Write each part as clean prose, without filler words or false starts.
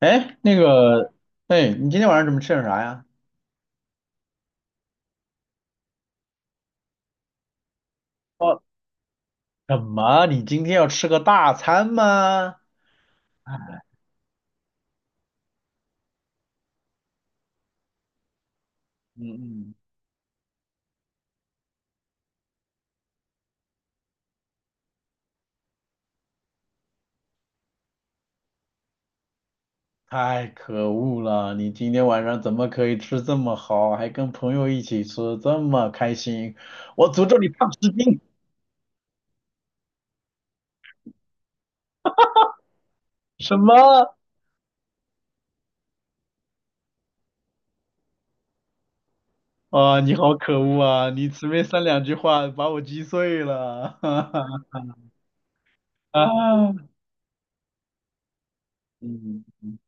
哎，哎，你今天晚上准备吃点啥呀？哦，什么？你今天要吃个大餐吗？嗯嗯，太可恶了！你今天晚上怎么可以吃这么好，还跟朋友一起吃，这么开心？我诅咒你胖10斤！什么？啊、你好可恶啊！你随便三两句话把我击碎了，哈哈啊！嗯嗯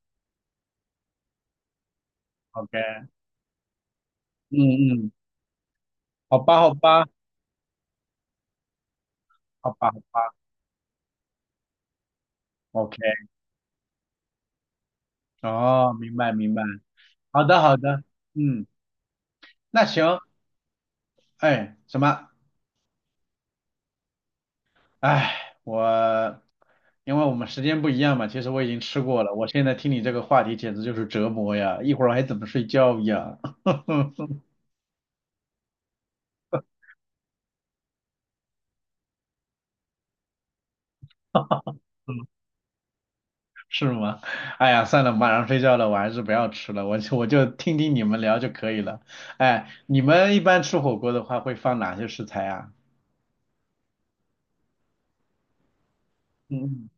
，OK，嗯嗯，好吧好吧好吧好吧，OK，哦，明白明白。好的，好的，嗯，那行，哎，什么？哎，因为我们时间不一样嘛，其实我已经吃过了，我现在听你这个话题简直就是折磨呀，一会儿还怎么睡觉呀？是吗？哎呀，算了，马上睡觉了，我还是不要吃了，我就听听你们聊就可以了。哎，你们一般吃火锅的话会放哪些食材啊？嗯嗯，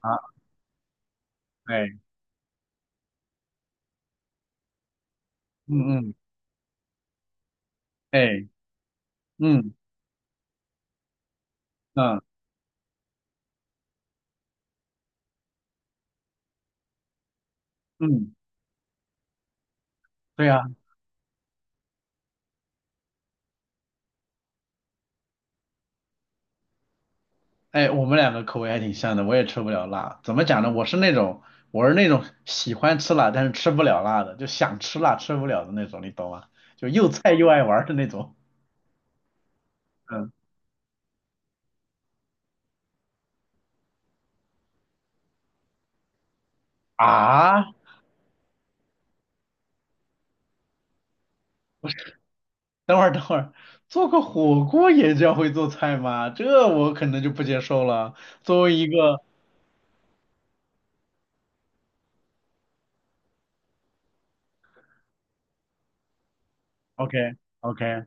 啊，哎，嗯嗯，哎，嗯嗯嗯，对呀。哎，我们两个口味还挺像的，我也吃不了辣。怎么讲呢？我是那种喜欢吃辣，但是吃不了辣的，就想吃辣吃不了的那种，你懂吗？就又菜又爱玩的那种。嗯啊，等会儿等会儿，做个火锅也叫会做菜吗？这我可能就不接受了。作为一个 OK OK，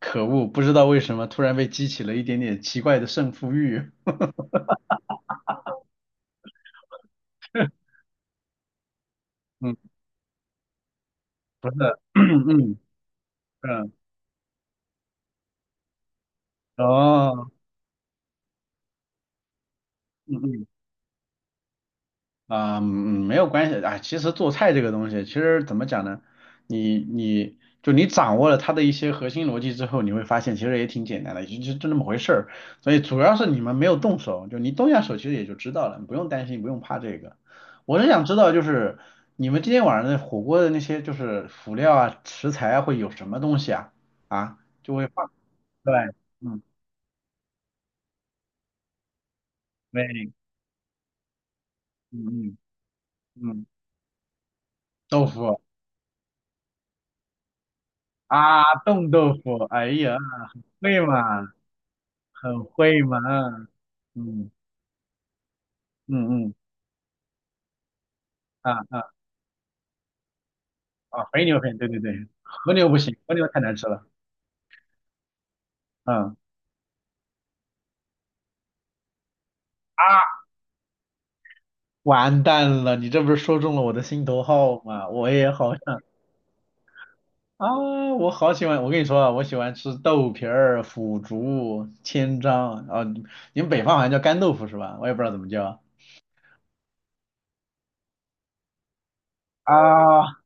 可恶，不知道为什么突然被激起了一点点奇怪的胜负欲。嗯，不是，嗯嗯嗯，哦，嗯嗯。啊、没有关系啊。其实做菜这个东西，其实怎么讲呢？你掌握了它的一些核心逻辑之后，你会发现其实也挺简单的，就那么回事儿。所以主要是你们没有动手，就你动下手，其实也就知道了，你不用担心，不用怕这个。我是想知道，就是你们今天晚上的火锅的那些就是辅料啊、食材啊，会有什么东西啊？啊，就会放对，嗯，对，嗯嗯嗯，豆腐啊，冻豆腐，哎呀，会吗？很会嘛，嗯嗯嗯，啊啊啊，肥牛很，对对对，和牛不行，和牛太难吃了，嗯啊，完蛋了，你这不是说中了我的心头好吗？我也好想啊，我好喜欢，我跟你说啊，我喜欢吃豆皮儿、腐竹、千张啊，你们北方好像叫干豆腐是吧？我也不知道怎么叫啊，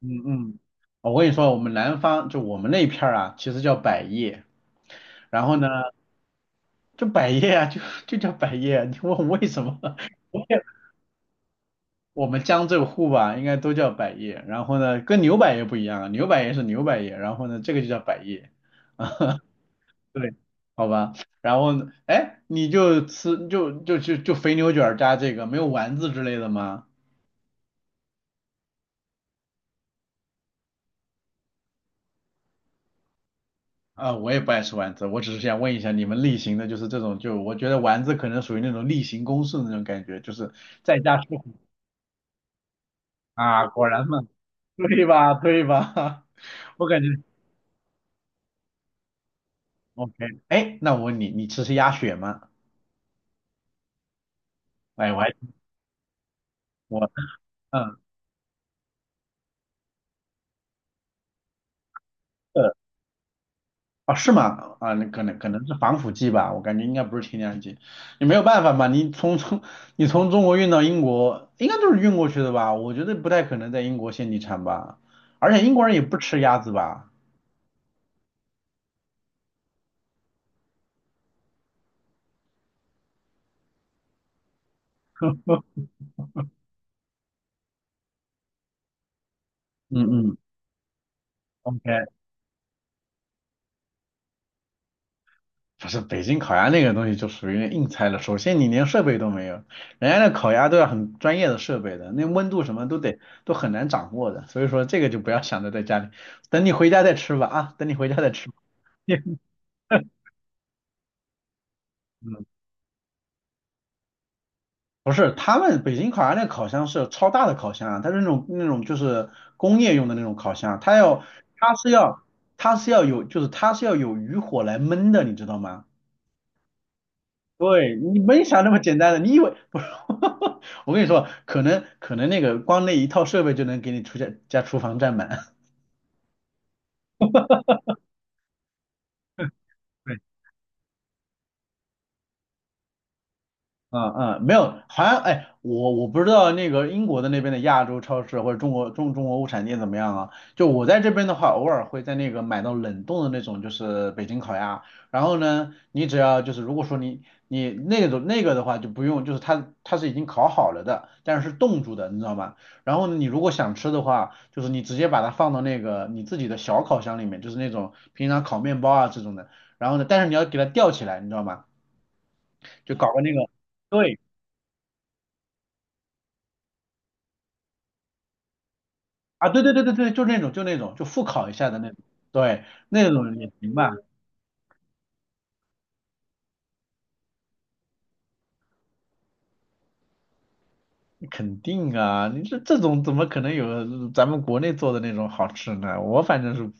嗯嗯，哦我跟你说，我们南方就我们那片儿啊，其实叫百叶，然后呢。就百叶啊，就就叫百叶啊你问为什么？我们江浙沪吧，应该都叫百叶。然后呢，跟牛百叶不一样啊，牛百叶是牛百叶，然后呢，这个就叫百叶。啊，对，好吧。然后呢，哎，你就吃就就就就肥牛卷儿加这个，没有丸子之类的吗？啊，我也不爱吃丸子，我只是想问一下你们例行的，就是这种，就我觉得丸子可能属于那种例行公事的那种感觉，就是在家吃苦啊，果然嘛，对吧？对吧？我感觉。OK，哎，那我问你，你吃是鸭血吗？哎，我还我嗯呃哦是吗？啊，那可能可能是防腐剂吧，我感觉应该不是添加剂。你没有办法嘛，你从中国运到英国，应该都是运过去的吧？我觉得不太可能在英国现地产吧，而且英国人也不吃鸭子吧？嗯嗯，OK，不是北京烤鸭那个东西就属于硬菜了。首先你连设备都没有，人家那烤鸭都要很专业的设备的，那温度什么都得都很难掌握的。所以说这个就不要想着在家里，等你回家再吃吧啊，等你回家再吃吧 嗯，不是，他们北京烤鸭那烤箱是超大的烤箱啊，它是那种那种就是工业用的那种烤箱，它要它是要它是要有就是它是要有余火来焖的，你知道吗？对，你没想那么简单的，你以为不是？我跟你说，可能那个光那一套设备就能给你出家家厨房占满。嗯嗯，没有，好像哎，我不知道那个英国的那边的亚洲超市或者中国物产店怎么样啊？就我在这边的话，偶尔会在那个买到冷冻的那种，就是北京烤鸭。然后呢，你只要就是如果说你你那种那个的话就不用，就是它是已经烤好了的，但是是冻住的，你知道吗？然后呢，你如果想吃的话，就是你直接把它放到那个你自己的小烤箱里面，就是那种平常烤面包啊这种的。然后呢，但是你要给它吊起来，你知道吗？就搞个那个。对，啊，对对对对对，就那种就复烤一下的那种，对，那种也行吧，肯定啊，你这种怎么可能有咱们国内做的那种好吃呢？我反正是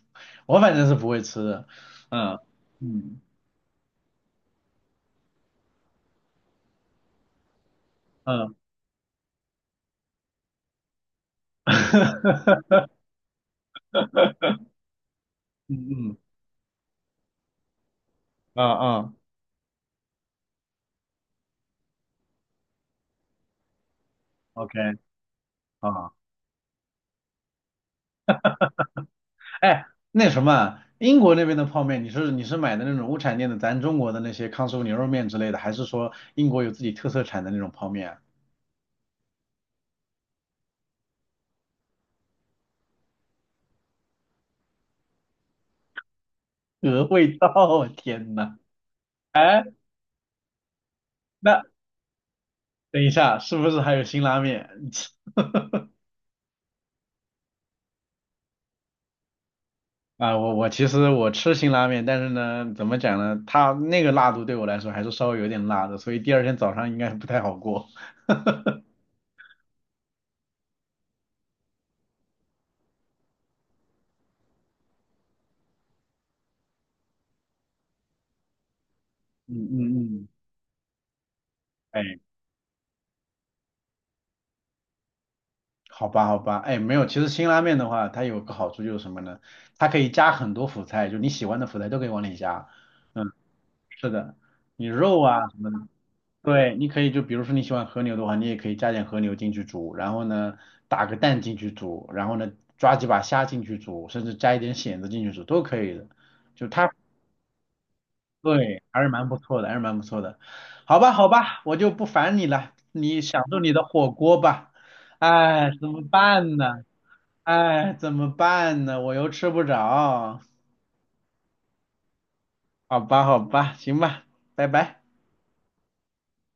我反正是不会吃的，嗯嗯嗯 嗯嗯嗯嗯，OK 啊，哎，那什么，英国那边的泡面，你是买的那种物产店的，咱中国的那些康师傅牛肉面之类的，还是说英国有自己特色产的那种泡面啊？鹅味道，我天呐！哎，那等一下，是不是还有辛拉面？啊，我其实我吃辛拉面，但是呢，怎么讲呢？它那个辣度对我来说还是稍微有点辣的，所以第二天早上应该不太好过。嗯嗯嗯，哎，好吧好吧，哎，没有，其实辛拉面的话，它有个好处就是什么呢？它可以加很多辅菜，就你喜欢的辅菜都可以往里加。嗯，是的，你肉啊什么的。对，你可以就比如说你喜欢和牛的话，你也可以加点和牛进去煮，然后呢打个蛋进去煮，然后呢抓几把虾进去煮，甚至加一点蚬子进去煮都可以的。就它，对，还是蛮不错的，还是蛮不错的。好吧，好吧，我就不烦你了，你享受你的火锅吧。哎，怎么办呢？哎，怎么办呢？我又吃不着。好吧，好吧，行吧，拜拜。